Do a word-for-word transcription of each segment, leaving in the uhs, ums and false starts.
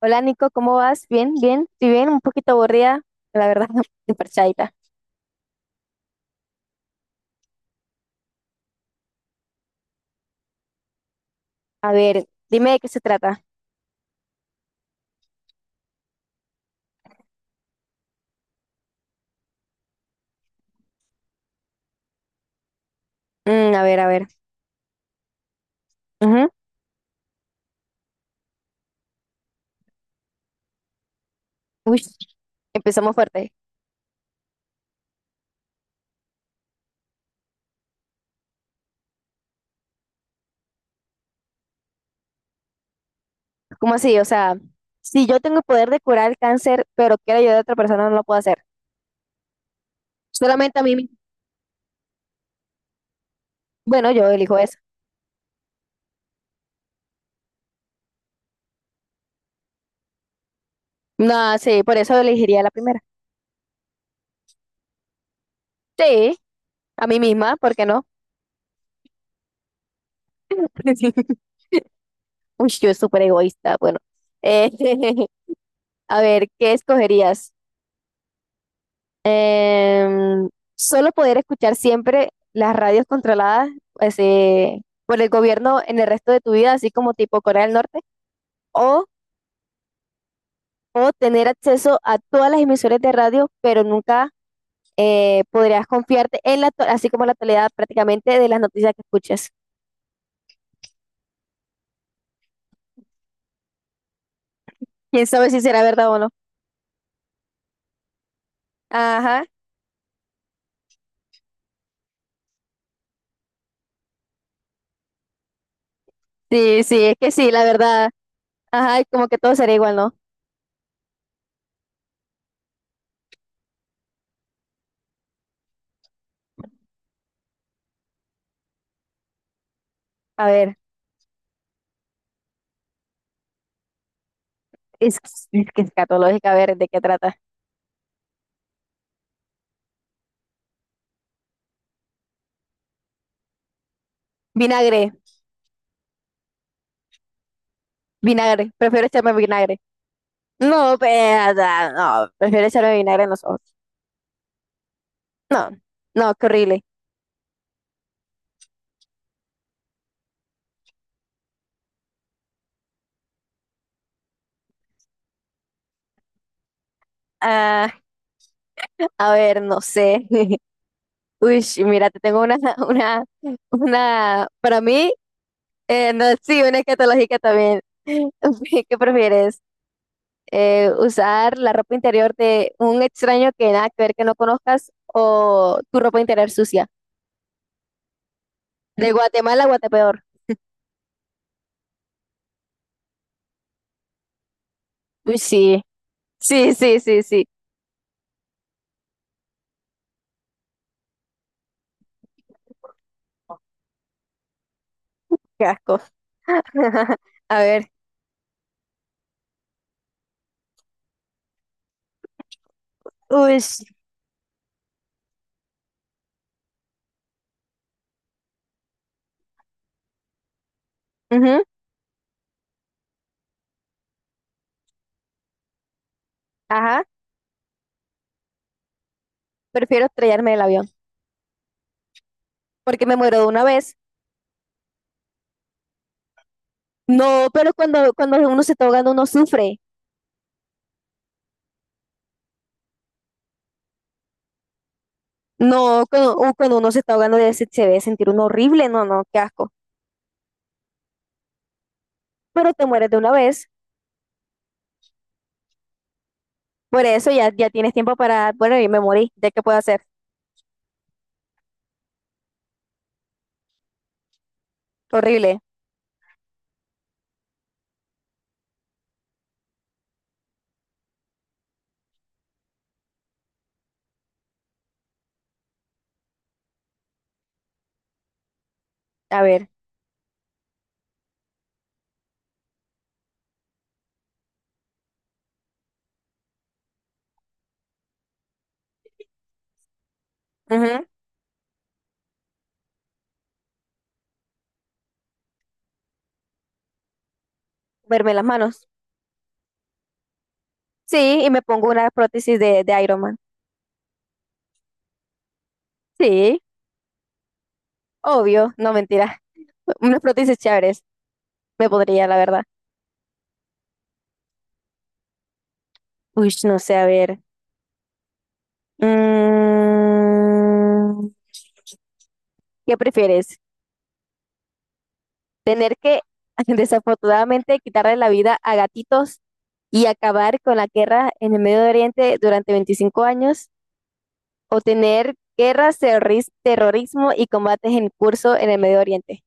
Hola Nico, ¿cómo vas? Bien, bien, estoy bien, un poquito aburrida, la verdad, parchadita. A ver, dime de qué se trata. Mm, a ver, a ver. Ujú. Uy, empezamos fuerte. ¿Cómo así? O sea, si yo tengo el poder de curar el cáncer, pero quiero ayudar a otra persona, no lo puedo hacer. Solamente a mí misma. Bueno, yo elijo eso. No, sí, por eso elegiría la primera. Sí, a mí misma, ¿por qué no? Uy, yo soy súper egoísta. Bueno, Eh, a ver, ¿qué escogerías? Em, solo poder escuchar siempre las radios controladas pues, eh, por el gobierno en el resto de tu vida, así como tipo Corea del Norte, o, o tener acceso a todas las emisoras de radio, pero nunca eh, podrías confiarte en la, to- así como la totalidad prácticamente de las noticias que escuches. ¿Quién sabe si será verdad o no? Ajá, sí, sí, es que sí, la verdad. Ajá, y como que todo sería igual, ¿no? A ver, es, es que es escatológica, a ver, ¿de qué trata? Vinagre, vinagre, prefiero echarme vinagre. No, peda, no, prefiero echarle vinagre en los ojos. No, no, qué horrible. Ah, a ver, no sé. Uy, mira, te tengo una, una, una, para mí, eh, no, sí, una escatológica también. ¿Qué prefieres? Eh, ¿usar la ropa interior de un extraño que nada que ver que no conozcas o tu ropa interior sucia? De Guatemala a Guatepeor. Uy, sí, sí, sí, sí, sí, qué asco. A ver, uy, ujú, ajá. Prefiero estrellarme del avión, porque me muero de una vez. No, pero cuando, cuando uno se está ahogando, uno sufre. No, cuando, u- cuando uno se está ahogando, ya se, se debe sentir uno horrible. No, no, qué asco. Pero te mueres de una vez. Por eso ya, ya tienes tiempo para. Bueno, y me morí. ¿Ya qué puedo hacer? Horrible. A ver. Ujú. Verme las manos. Sí, y me pongo una prótesis de, de, Iron Man. Sí, obvio. No, mentira. Unas prótesis chéveres. Me podría, la verdad. Uy, no sé, a ver. Mm, ¿Qué prefieres? Tener que desafortunadamente quitarle la vida a gatitos y acabar con la guerra en el Medio Oriente durante veinticinco años o tener guerras, terroris- terrorismo y combates en curso en el Medio Oriente.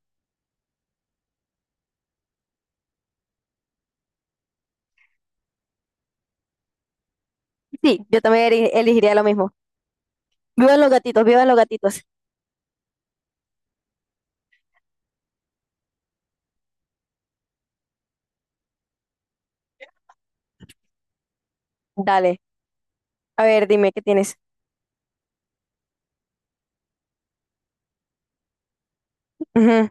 Sí, yo también eri- elegiría lo mismo. Vivan los gatitos, vivan los gatitos. Dale, a ver, dime, ¿qué tienes? Ujú.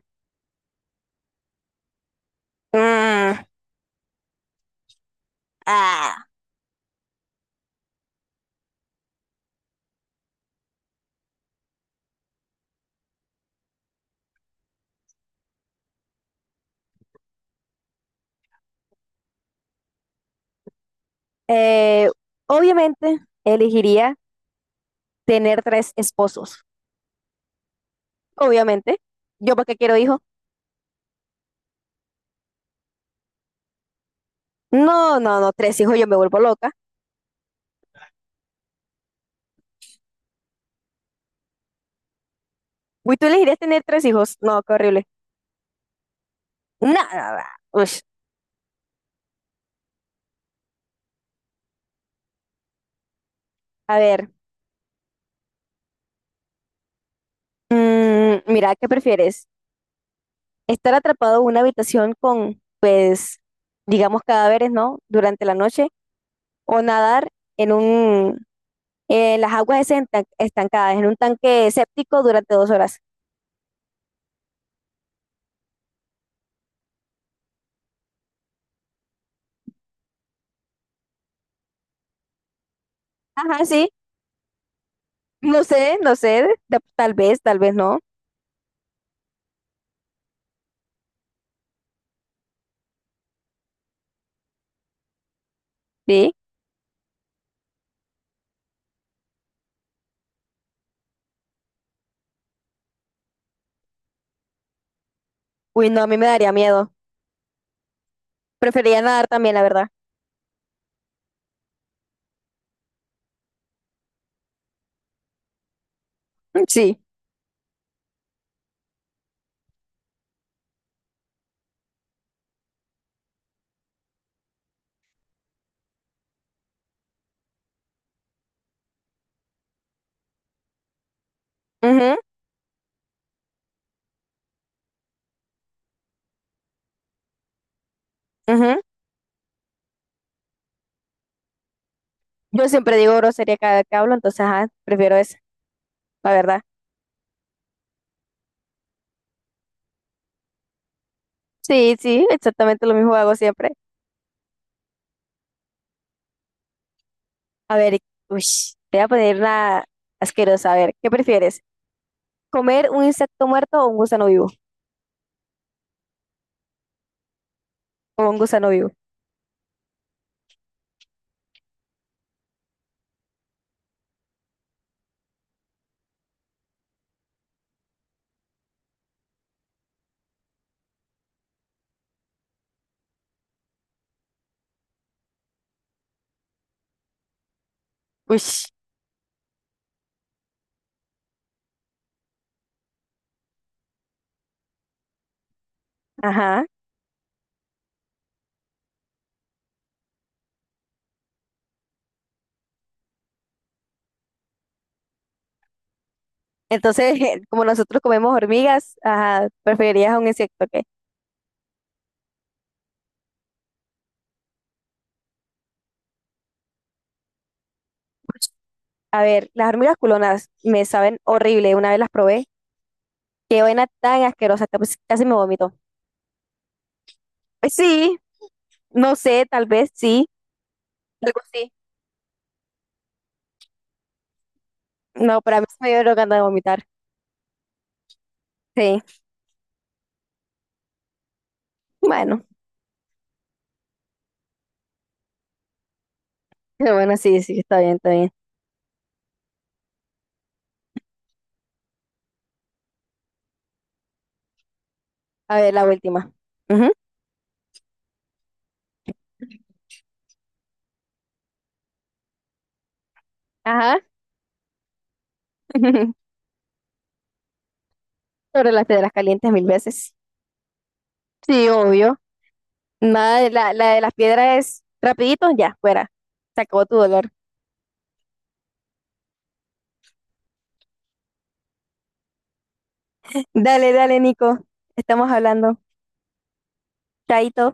Mm, ah. Eh, obviamente elegiría tener tres esposos. Obviamente. ¿Yo para qué quiero hijos? No, no, no, tres hijos, yo me vuelvo loca. Uy, ¿tú elegirías tener tres hijos? No, qué horrible. Nada. Ush. A ver, mm, mira, ¿qué prefieres? ¿Estar atrapado en una habitación con, pues, digamos, cadáveres, ¿no? Durante la noche o nadar en un, en las aguas esas entan- estancadas, en un tanque séptico durante dos horas. Ajá, sí. No sé, no sé. de- Tal vez, tal vez no. Sí. Uy, no, a mí me daría miedo. Preferiría nadar también, la verdad. Sí. Ujú, ujú. Yo siempre digo grosería cada vez que hablo, entonces ajá, prefiero esa, la verdad. Sí, sí, exactamente lo mismo hago siempre. A ver, uy, te voy a poner una asquerosa. A ver, ¿qué prefieres? ¿Comer un insecto muerto o un gusano vivo? O un gusano vivo. Uy, ajá. Entonces, como nosotros comemos hormigas, ajá, preferirías un insecto qué. A ver, las hormigas culonas me saben horrible. Una vez las probé. Qué vaina tan asquerosa, casi, casi me vomito. Pues sí, no sé, tal vez sí, algo así. No, para mí se me dio lo que anda de vomitar. Sí, bueno, bueno, sí, sí, está bien, está bien. A ver, la última. Ujú, ajá. Sobre las piedras calientes mil veces. Sí, obvio. Nada, de la, la de las piedras es rapidito, ya, fuera. Se acabó tu dolor. Dale, dale, Nico. Estamos hablando. Chaito.